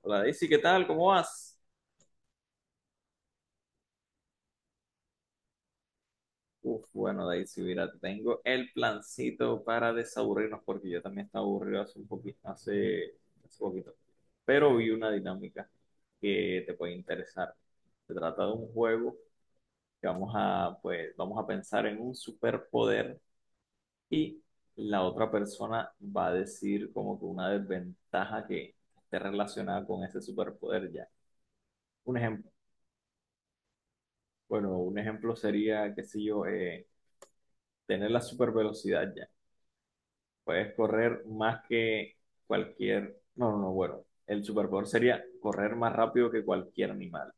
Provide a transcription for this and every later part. Hola Daisy, ¿qué tal? ¿Cómo vas? Bueno Daisy, mira, te tengo el plancito para desaburrirnos porque yo también estaba aburrido hace un poquito, hace poquito. Pero vi una dinámica que te puede interesar. Se trata de un juego que vamos a pensar en un superpoder y la otra persona va a decir como que una desventaja que esté relacionada con ese superpoder ya. Un ejemplo, bueno, un ejemplo sería, qué sé yo, tener la super velocidad ya. Puedes correr más que cualquier. No, no, no, bueno. El superpoder sería correr más rápido que cualquier animal.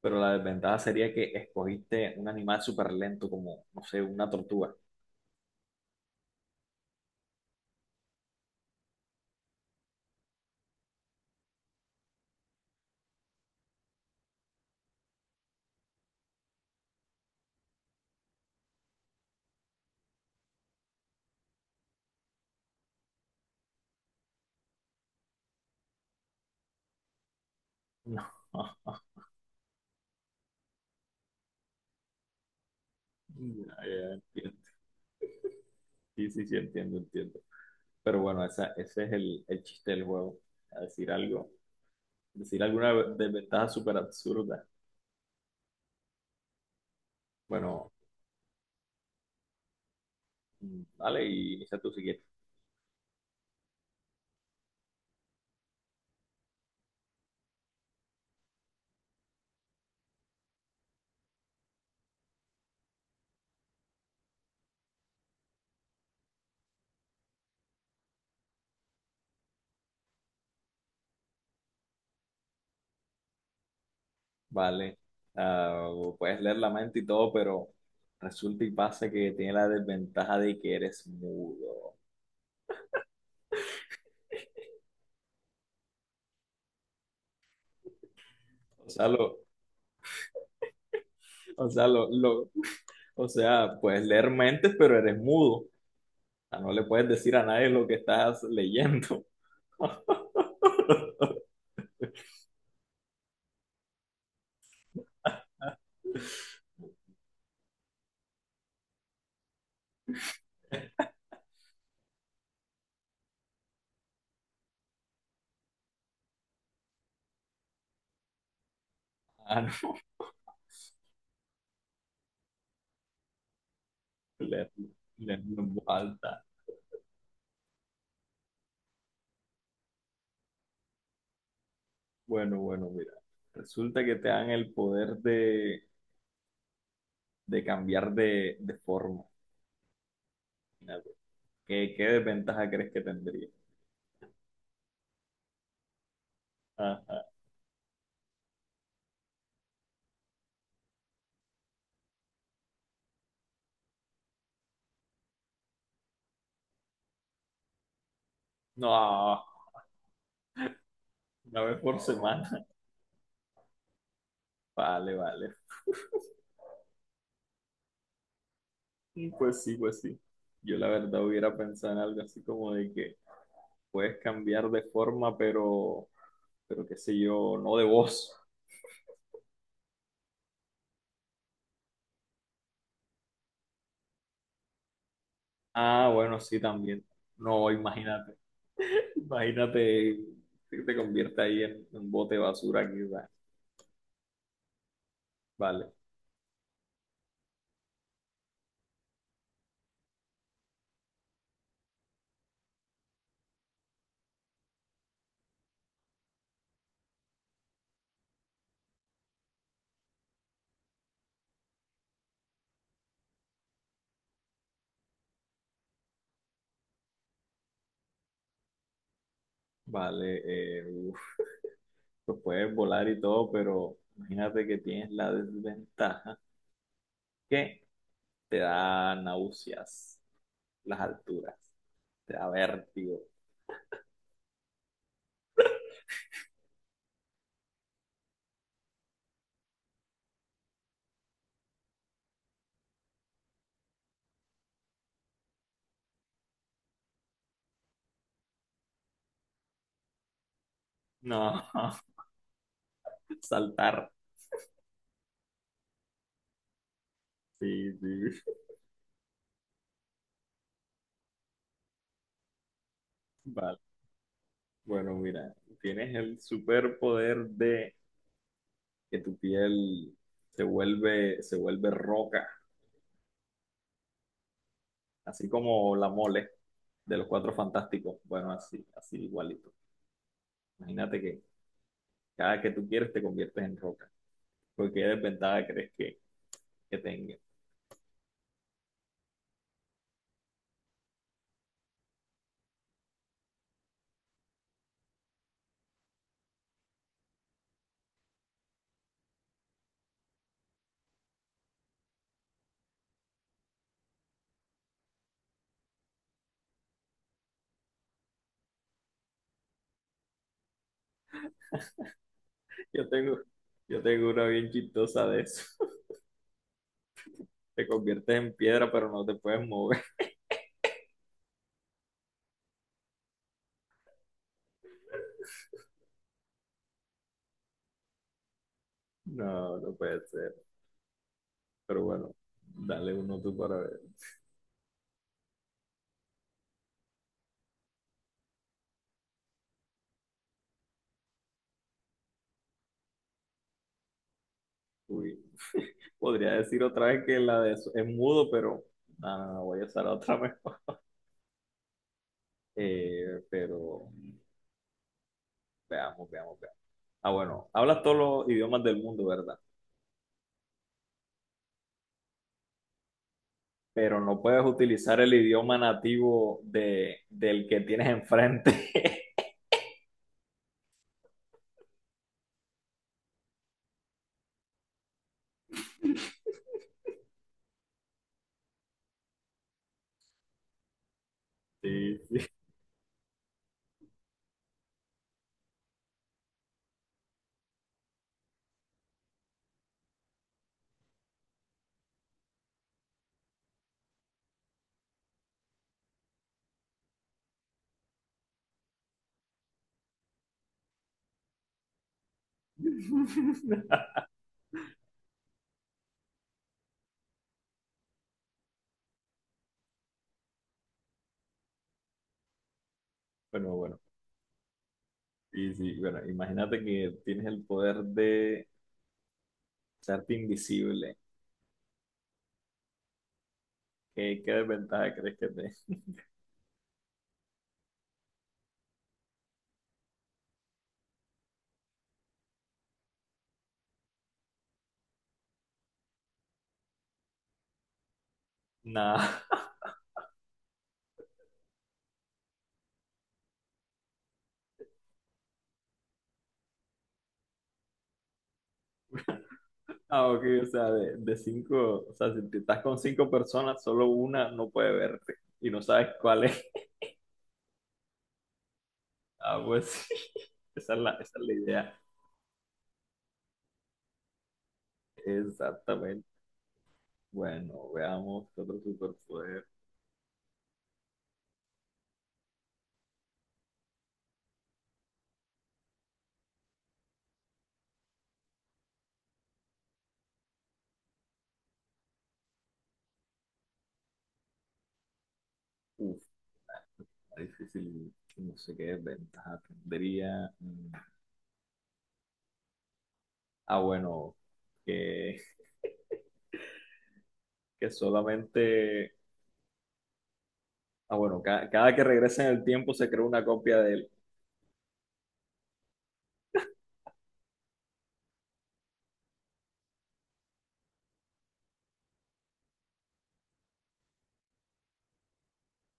Pero la desventaja sería que escogiste un animal súper lento, como, no sé, una tortuga. No. Ya, ya, entiendo. Sí, sí, sí, entiendo, entiendo. Pero bueno, ese es el chiste del juego. A decir algo. Decir alguna desventaja súper absurda. Bueno, dale y inicia tú si quieres. Vale, Ah, puedes leer la mente y todo, pero resulta y pasa que tiene la desventaja de que eres mudo. O sea, lo, o sea, lo, lo- o sea, puedes leer mentes, pero eres mudo. O sea, no le puedes decir a nadie lo que estás leyendo. Ah, no, leerlo, leerlo en voz alta. Bueno, bueno, mira. Resulta que te dan el poder de cambiar de forma. Imagínate. ¿Qué, qué desventaja crees que tendría? Ajá. No, una vez por semana. Vale, vale. Pues sí, pues sí. Yo la verdad hubiera pensado en algo así como de que puedes cambiar de forma, pero qué sé yo, no de voz. Ah, bueno, sí, también. No, imagínate. Imagínate que te convierta ahí en un bote de basura aquí, va. Vale, vale. Uf, pues puedes volar y todo, pero imagínate que tienes la desventaja que te da náuseas. Las alturas. Te da vértigo. No, saltar. Sí, sí. Vale. Bueno, mira, tienes el superpoder de que tu piel se vuelve roca, así como la mole de los Cuatro Fantásticos. Bueno, así, así igualito. Imagínate que cada que tú quieres te conviertes en roca. Porque qué desventaja crees que tenga? Yo tengo, yo tengo una bien chistosa de eso. Te conviertes en piedra, pero no te puedes mover. No, no puede ser. Pero bueno, dale uno tú para ver. Uy. Podría decir otra vez que la de es mudo, pero voy a usar otra mejor. Pero veamos, veamos, veamos. Ah, bueno, hablas todos los idiomas del mundo, ¿verdad? Pero no puedes utilizar el idioma nativo de, del que tienes enfrente. Sí, sí. Bueno, bueno. Sí, sí, bueno, imagínate que tienes el poder de hacerte invisible. ¿Qué, qué desventaja crees que te? Nada. Ah, ok, o sea, de cinco, o sea, si te estás con cinco personas, solo una no puede verte y no sabes cuál es. Ah, pues sí, esa es la idea. Exactamente. Bueno, veamos qué otro superpoder. Uf, está difícil, no sé qué ventaja tendría. Ah, bueno, que, que solamente, ah, bueno, cada que regresa en el tiempo se crea una copia de él.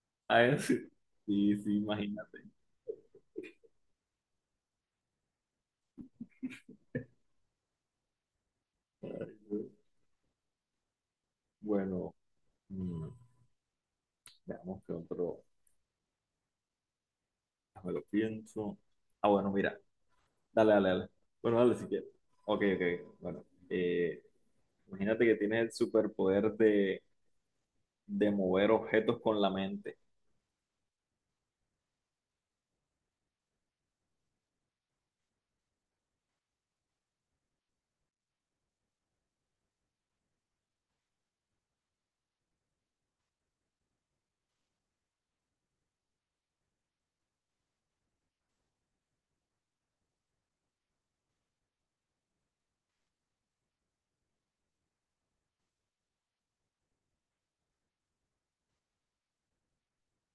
Ah, es- sí, sí, imagínate. Bueno, mm, veamos qué otro. Me lo pienso. Ah, bueno, mira. Dale, dale, dale. Bueno, dale si quieres. Ok, ok. Bueno, imagínate que tienes el superpoder de mover objetos con la mente.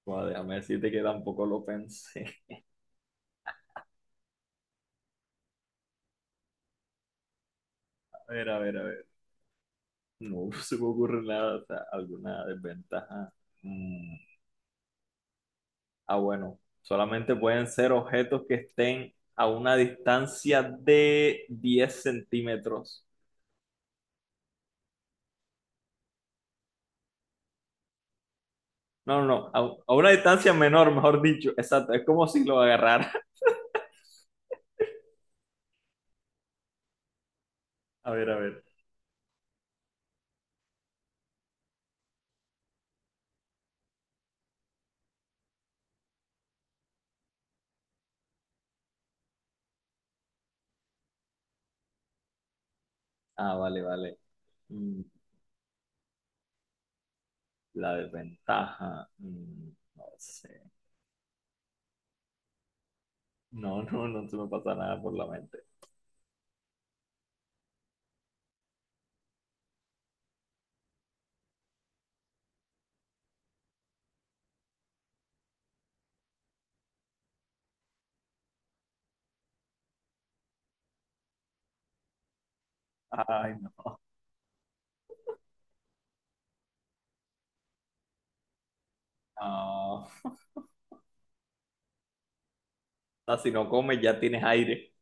Joder, déjame decirte que tampoco lo pensé. A ver, a ver, a ver. No se me ocurre nada, o sea, alguna desventaja. Mm, Ah, bueno. Solamente pueden ser objetos que estén a una distancia de 10 centímetros. No, a una distancia menor, mejor dicho. Exacto, es como si lo agarrara. A ver, a ver. Ah, vale, vale. Mm, La desventaja. No sé. No, no, no se me pasa nada por la mente. Ay, no. Ah, ah, si no comes, ya tienes aire.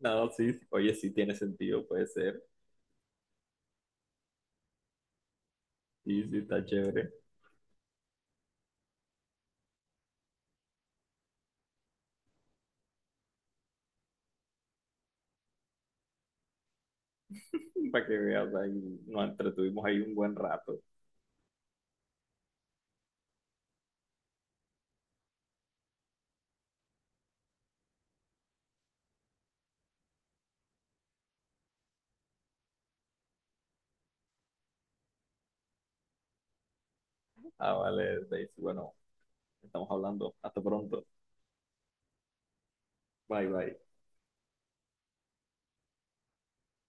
No, sí, sí. Oye, sí tiene sentido, puede ser. Sí, sí, está chévere. Para que veas, ahí nos entretuvimos ahí un buen rato. Ah, vale, Daisy. Bueno, estamos hablando. Hasta pronto. Bye, bye.